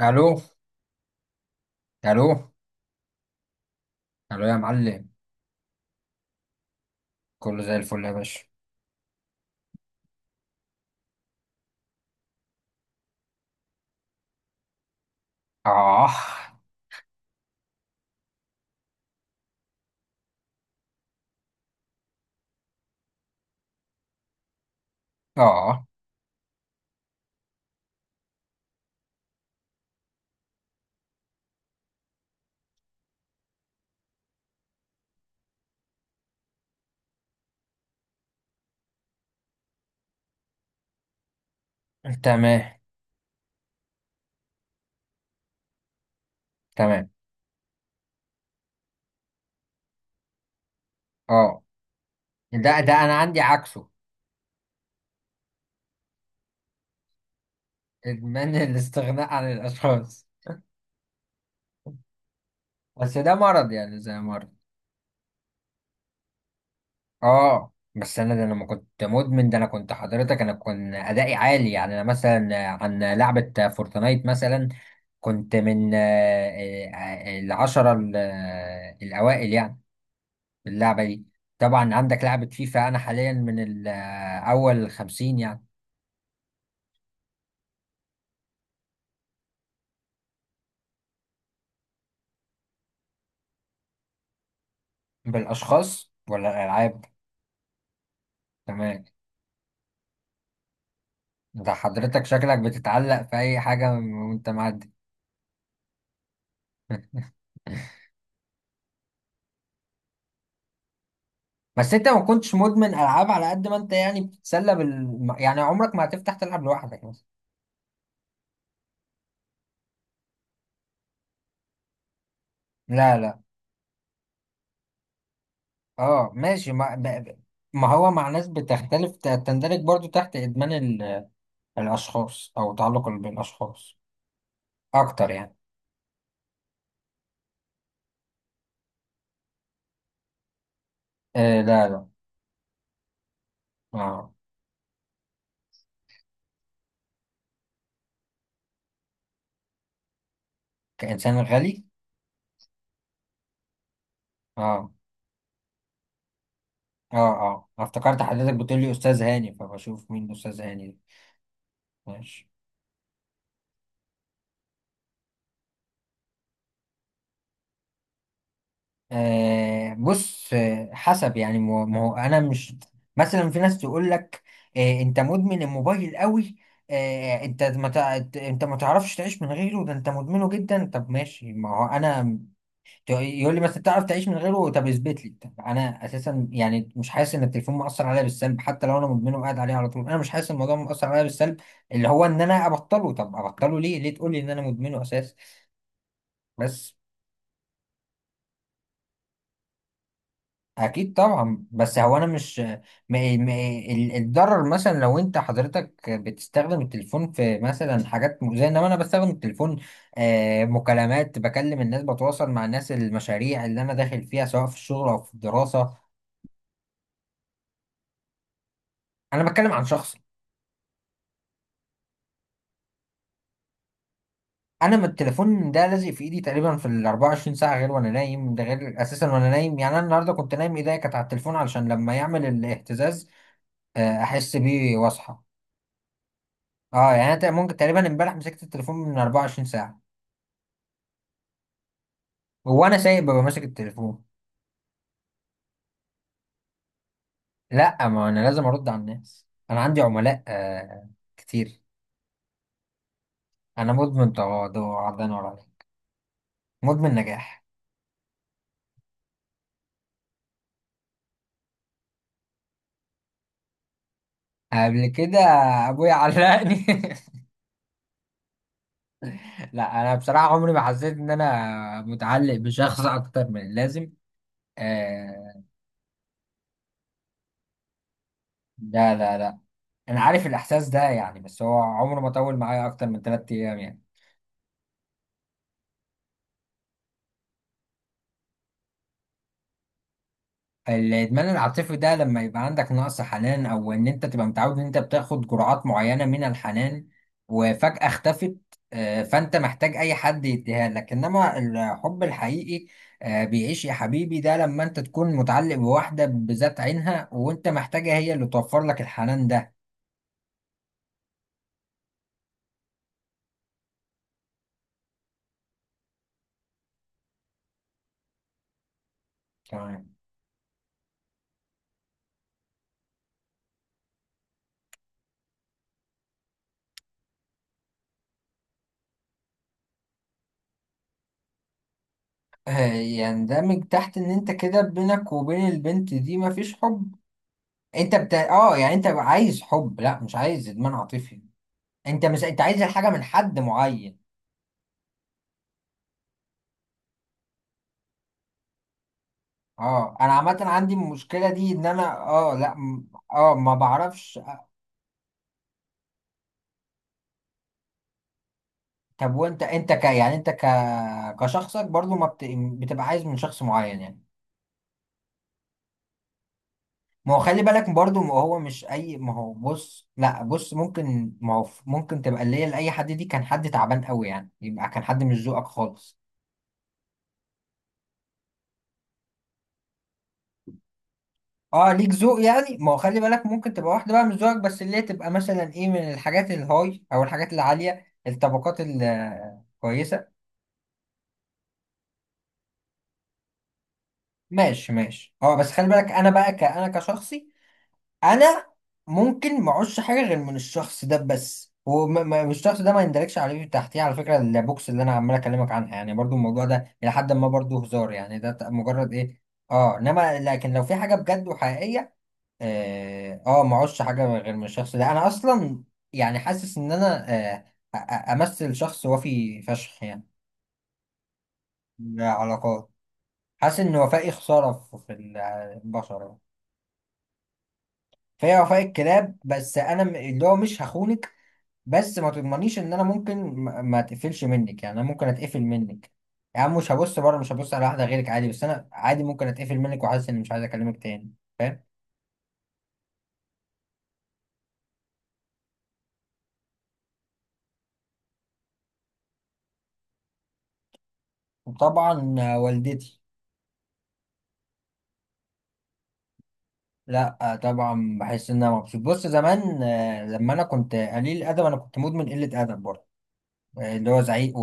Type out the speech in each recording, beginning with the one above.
الو. الو. الو يا معلم. كله زي الفل يا باشا. اه. اه. تمام. تمام. اه، ده انا عندي عكسه. ادمان الاستغناء عن الاشخاص، بس ده مرض، يعني زي مرض. اه، بس انا ده انا ما كنت مدمن، ده انا كنت حضرتك، انا كنت ادائي عالي، يعني انا مثلا عن لعبة فورتنايت مثلا كنت من آه، العشرة الاوائل يعني. اللعبة دي طبعا عندك لعبة فيفا، أنا حاليا من أول خمسين يعني. بالأشخاص ولا الألعاب؟ تمام. أنت حضرتك شكلك بتتعلق في أي حاجة وأنت معدي. بس أنت ما كنتش مدمن ألعاب، على قد ما أنت يعني بتتسلى بال، يعني عمرك ما هتفتح تلعب لوحدك مثلا. لا، لا. أه ماشي ما ب... ب- ما هو مع ناس بتختلف، تندرج برضو تحت إدمان الأشخاص أو تعلق بالأشخاص أكتر يعني. آه لا، لا. أه. كإنسان غني. اه، اه، اه أنا افتكرت حضرتك بتقول لي استاذ هاني، فبشوف مين استاذ هاني ده. ماشي. آه بص، حسب يعني، ما هو انا مش. مثلا في ناس تقول لك آه انت مدمن الموبايل قوي، آه انت ما تعرفش تعيش من غيره، ده انت مدمنه جدا. طب ماشي، ما هو انا يقول لي بس انت تعرف تعيش من غيره، طب اثبت لي. طب انا اساسا يعني مش حاسس ان التليفون مؤثر عليا بالسلب، حتى لو انا مدمنه وقاعد عليه على طول، انا مش حاسس ان الموضوع مؤثر عليا بالسلب، اللي هو ان انا ابطله. طب ابطله ليه؟ ليه تقول لي ان انا مدمنه اساسا؟ بس. اكيد طبعا، بس هو انا مش. ما الضرر مثلا لو انت حضرتك بتستخدم التليفون في مثلا حاجات مؤذيه، انما انا بستخدم التليفون مكالمات، بكلم الناس، بتواصل مع الناس، المشاريع اللي انا داخل فيها سواء في الشغل او في الدراسه. انا بتكلم عن شخص. انا ما التليفون ده لازق في ايدي تقريبا في ال 24 ساعه، غير وانا نايم. ده غير اساسا وانا نايم، يعني انا النهارده كنت نايم ايديا كانت على التليفون، علشان لما يعمل الاهتزاز احس بيه واصحى. اه يعني ممكن تقريبا امبارح مسكت التليفون من 24 ساعه، وانا سايق ببقى ماسك التليفون. لا، ما انا لازم ارد على الناس، انا عندي عملاء آه. كتير. انا مدمن تواضع، عرضان ولا عليك؟ مدمن نجاح. قبل كده ابويا علقني. لا انا بصراحه عمري ما حسيت ان انا متعلق بشخص اكتر من اللازم. آه. لا، لا، لا. انا عارف الاحساس ده يعني، بس هو عمره ما طول معايا اكتر من 3 ايام يعني. الادمان العاطفي ده لما يبقى عندك نقص حنان، او ان انت تبقى متعود ان انت بتاخد جرعات معينه من الحنان وفجاه اختفت، آه فانت محتاج اي حد يديها لك. انما الحب الحقيقي بيعيش يا حبيبي، ده لما انت تكون متعلق بواحدة بذات عينها وانت محتاجة هي اللي توفر لك الحنان ده. تمام. يندمج تحت ان انت كده بينك وبين البنت دي مفيش حب، اه يعني انت عايز حب، لا مش عايز ادمان عاطفي. انت مش انت عايز الحاجه من حد معين. اه انا عامه عندي المشكله دي، ان انا اه لا م- اه ما بعرفش. طب وانت انت ك يعني انت ك كشخصك برضو ما بت... بتبقى عايز من شخص معين يعني. ما هو خلي بالك برضو، ما هو مش اي، ما هو بص، لا بص، ممكن، ما هو ممكن تبقى اللي هي لاي حد، دي كان حد تعبان قوي يعني، يبقى كان حد مش ذوقك خالص. اه ليك ذوق يعني. ما هو خلي بالك ممكن تبقى واحده بقى مش ذوقك، بس اللي هي تبقى مثلا ايه، من الحاجات الهاي او الحاجات العاليه، الطبقات الكويسه. ماشي، ماشي. اه بس خلي بالك، انا بقى انا كشخصي انا ممكن ما اعوزش حاجه غير من الشخص ده بس، والشخص ده ما يندركش عليه تحتيه. على فكره البوكس اللي انا عمال اكلمك عنها يعني برضو، الموضوع ده الى حد ما برضو هزار يعني، مجرد ايه. اه انما لكن لو في حاجه بجد وحقيقيه، اه ما اعوزش حاجه غير من الشخص ده، انا اصلا يعني حاسس ان انا امثل شخص وفي فشخ يعني. العلاقات، حاسس ان وفائي خساره في البشر يعني. فهي وفاء الكلاب، بس اللي هو مش هخونك، بس ما تضمنيش ان انا ممكن ما اتقفلش منك، يعني انا ممكن اتقفل منك. يا عم مش هبص بره، مش هبص على واحده غيرك عادي، بس انا عادي ممكن اتقفل منك وحاسس اني مش عايز اكلمك تاني. فاهم. وطبعا والدتي. لا طبعا بحس ان انا مبسوط. بص زمان لما انا كنت قليل الادب، انا كنت مدمن قله ادب برضه، اللي هو زعيق.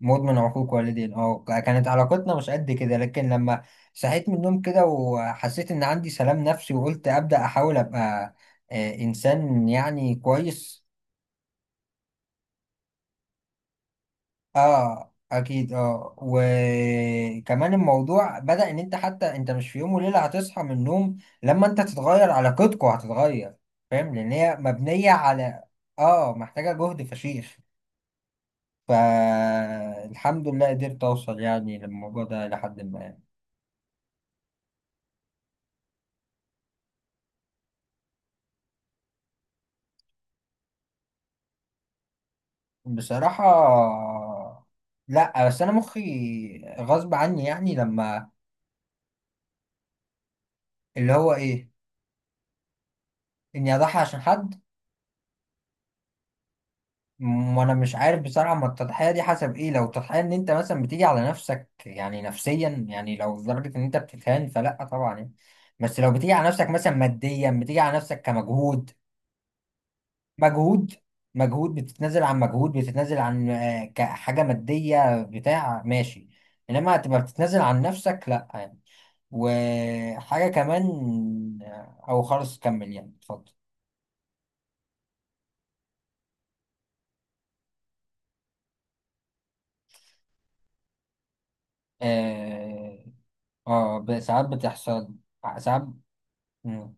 مدمن عقوق والدين، اه كانت علاقتنا مش قد كده. لكن لما صحيت من النوم كده وحسيت ان عندي سلام نفسي وقلت ابدا احاول ابقى انسان يعني كويس. اه اكيد، اه وكمان الموضوع بدا ان انت حتى انت مش في يوم وليله هتصحى من النوم، لما انت تتغير علاقتكوا هتتغير، فاهم، لان هي مبنيه على. اه محتاجه جهد فشيخ. فالحمد لله قدرت اوصل يعني للموضوع ده لحد ما. بصراحة لا، بس انا مخي غصب عني يعني لما. اللي هو ايه، اني اضحي عشان حد. وانا مش عارف بصراحة، ما التضحية دي حسب ايه، لو تضحية ان انت مثلا بتيجي على نفسك يعني نفسيا، يعني لو لدرجة ان انت بتتهان فلا طبعا يعني، بس لو بتيجي على نفسك مثلا ماديا، بتيجي على نفسك كمجهود. مجهود، مجهود، بتتنازل عن مجهود، بتتنازل عن كحاجة مادية بتاع، ماشي، انما هتبقى بتتنازل عن نفسك، لا يعني. وحاجة كمان أو خلاص كمل يعني، اتفضل. آه. آه ساعات بتحصل. ساعات. مم،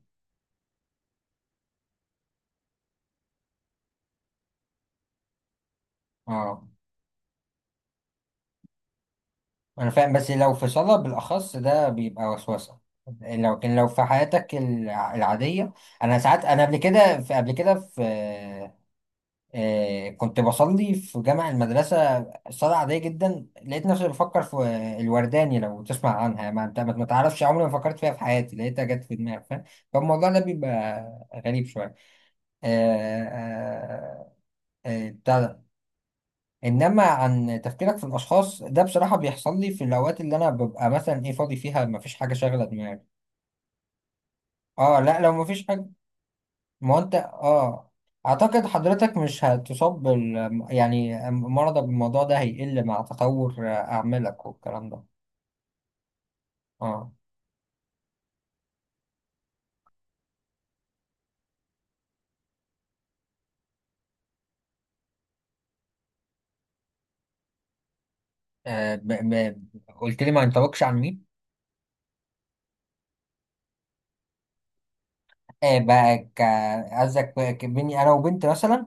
آه أنا فاهم، بس لو في صلاة بالأخص ده بيبقى وسوسة، لو كان لو في حياتك العادية. أنا ساعات، أنا قبل كده، في قبل كده في كنت بصلي في جامع المدرسة، صلاة عادية جدا، لقيت نفسي بفكر في الورداني. لو تسمع عنها، ما انت ما تعرفش، عمري ما فكرت فيها في حياتي، لقيتها جت في دماغي، فاهم. فالموضوع ده بيبقى غريب شوية، آه، آه، بتاع ده. انما عن تفكيرك في الاشخاص ده، بصراحة بيحصل لي في الاوقات اللي انا ببقى مثلا ايه فاضي فيها، ما فيش حاجة شاغلة دماغي، اه لا لو ما فيش حاجة. ما هو انت اه اعتقد حضرتك مش هتصاب بال، يعني مرضك بالموضوع ده هيقل مع تطور اعمالك والكلام ده. اه. آه، ب... ب... قلت لي ما ينطبقش عن مين؟ آه بقى ك... قصدك بقى بيني انا وبنت مثلا.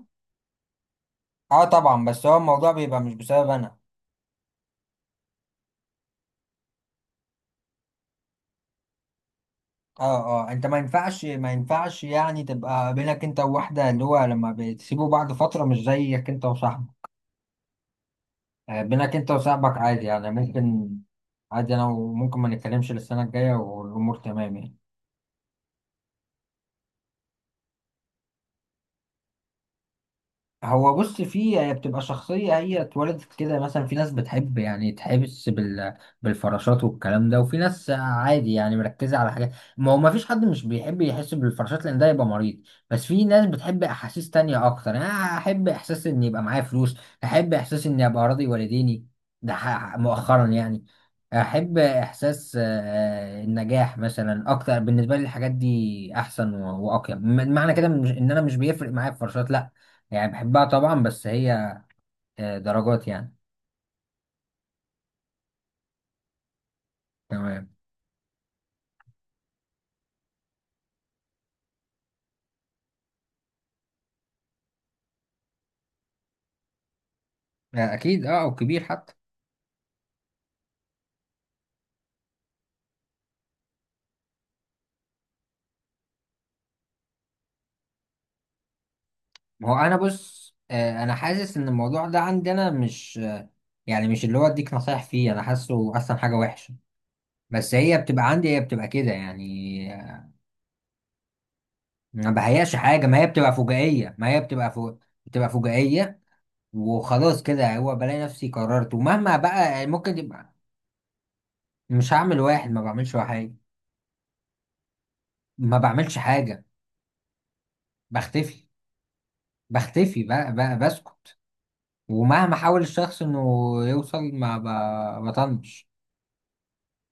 اه طبعا، بس هو الموضوع بيبقى مش بسبب انا. اه، اه انت ما ينفعش، ما ينفعش يعني تبقى بينك انت وواحدة، اللي هو لما بتسيبوا بعض فترة مش زيك انت وصاحبك، بينك انت وصاحبك عادي يعني ممكن، عادي انا وممكن ما نتكلمش للسنة الجاية والامور تمام يعني. هو بص، في هي بتبقى شخصية، هي اتولدت كده، مثلا في ناس بتحب يعني تحبس بالفراشات والكلام ده، وفي ناس عادي يعني مركزة على حاجات. ما هو ما فيش حد مش بيحب يحس بالفراشات، لأن ده يبقى مريض، بس في ناس بتحب أحاسيس تانية أكتر، يعني أنا أحب إحساس إن يبقى معايا فلوس، أحب إحساس إني أبقى راضي والديني. مؤخرا يعني. أحب إحساس النجاح مثلا أكتر، بالنسبة لي الحاجات دي أحسن وأقيم معنى كده. إن أنا مش بيفرق معايا الفراشات لا، يعني بحبها طبعا، بس هي درجات يعني. تمام. اكيد، اه او كبير حتى. ما هو انا بص، انا حاسس ان الموضوع ده عندي انا مش يعني مش اللي هو اديك نصايح فيه، انا حاسه اصلا حاجه وحشه، بس هي بتبقى عندي، هي بتبقى كده يعني ما بهياش حاجه، ما هي بتبقى فجائيه، ما هي بتبقى فوق، بتبقى فجائيه وخلاص كده، هو بلاقي نفسي قررت، ومهما بقى يعني ممكن يبقى. مش هعمل واحد، ما بعملش واحد، ما بعملش حاجه. بختفي. بختفي بقى، بقى بسكت، ومهما حاول الشخص انه يوصل ما ب- بطنش،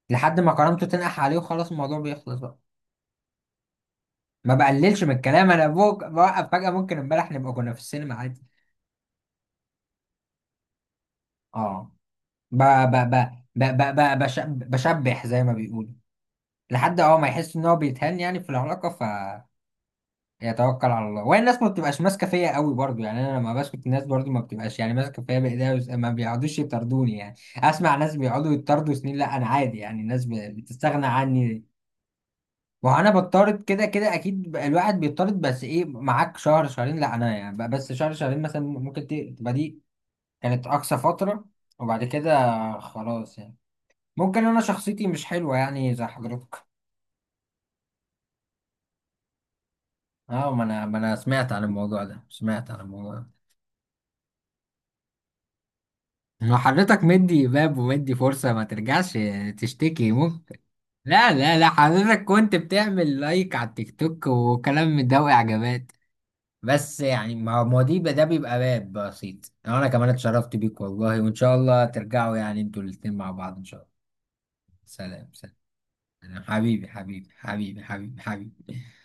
لحد ما كرامته تنقح عليه وخلاص الموضوع بيخلص بقى. ما بقللش من الكلام، بوقف فجأة، ممكن امبارح نبقى كنا في السينما عادي. اه. ب ب ب بشبح زي ما بيقولوا، لحد اه ما يحس ان هو بيتهان يعني في العلاقة، فيتوكل على الله. وهي الناس ما بتبقاش ماسكة فيا قوي برضو يعني، انا لما بسكت الناس برضو ما بتبقاش يعني ماسكة فيا بايديها، ما بيقعدوش يطردوني، يعني اسمع ناس بيقعدوا يطردوا سنين، لا انا عادي يعني الناس بتستغنى عني. ما هو انا بضطرد كده كده اكيد، الواحد بيضطرد، بس ايه معاك شهر، شهرين لا، انا يعني بس شهر شهرين مثلا، ممكن تبقى دي كانت اقصى فترة، وبعد كده خلاص يعني. ممكن انا شخصيتي مش حلوة يعني زي حضرتك. اه، ما انا، ما انا سمعت عن الموضوع ده، سمعت عن الموضوع ده. ما حضرتك مدي باب، ومدي فرصة ما ترجعش تشتكي، ممكن. لا لا لا، حضرتك كنت بتعمل لايك على التيك توك وكلام من ده واعجابات، بس يعني ما، ما دي، ده بيبقى باب بسيط. انا كمان اتشرفت بيك والله، وان شاء الله ترجعوا يعني انتوا الاتنين مع بعض ان شاء الله. سلام، سلام. حبيبي، حبيبي، حبيبي، حبيبي، حبيبي.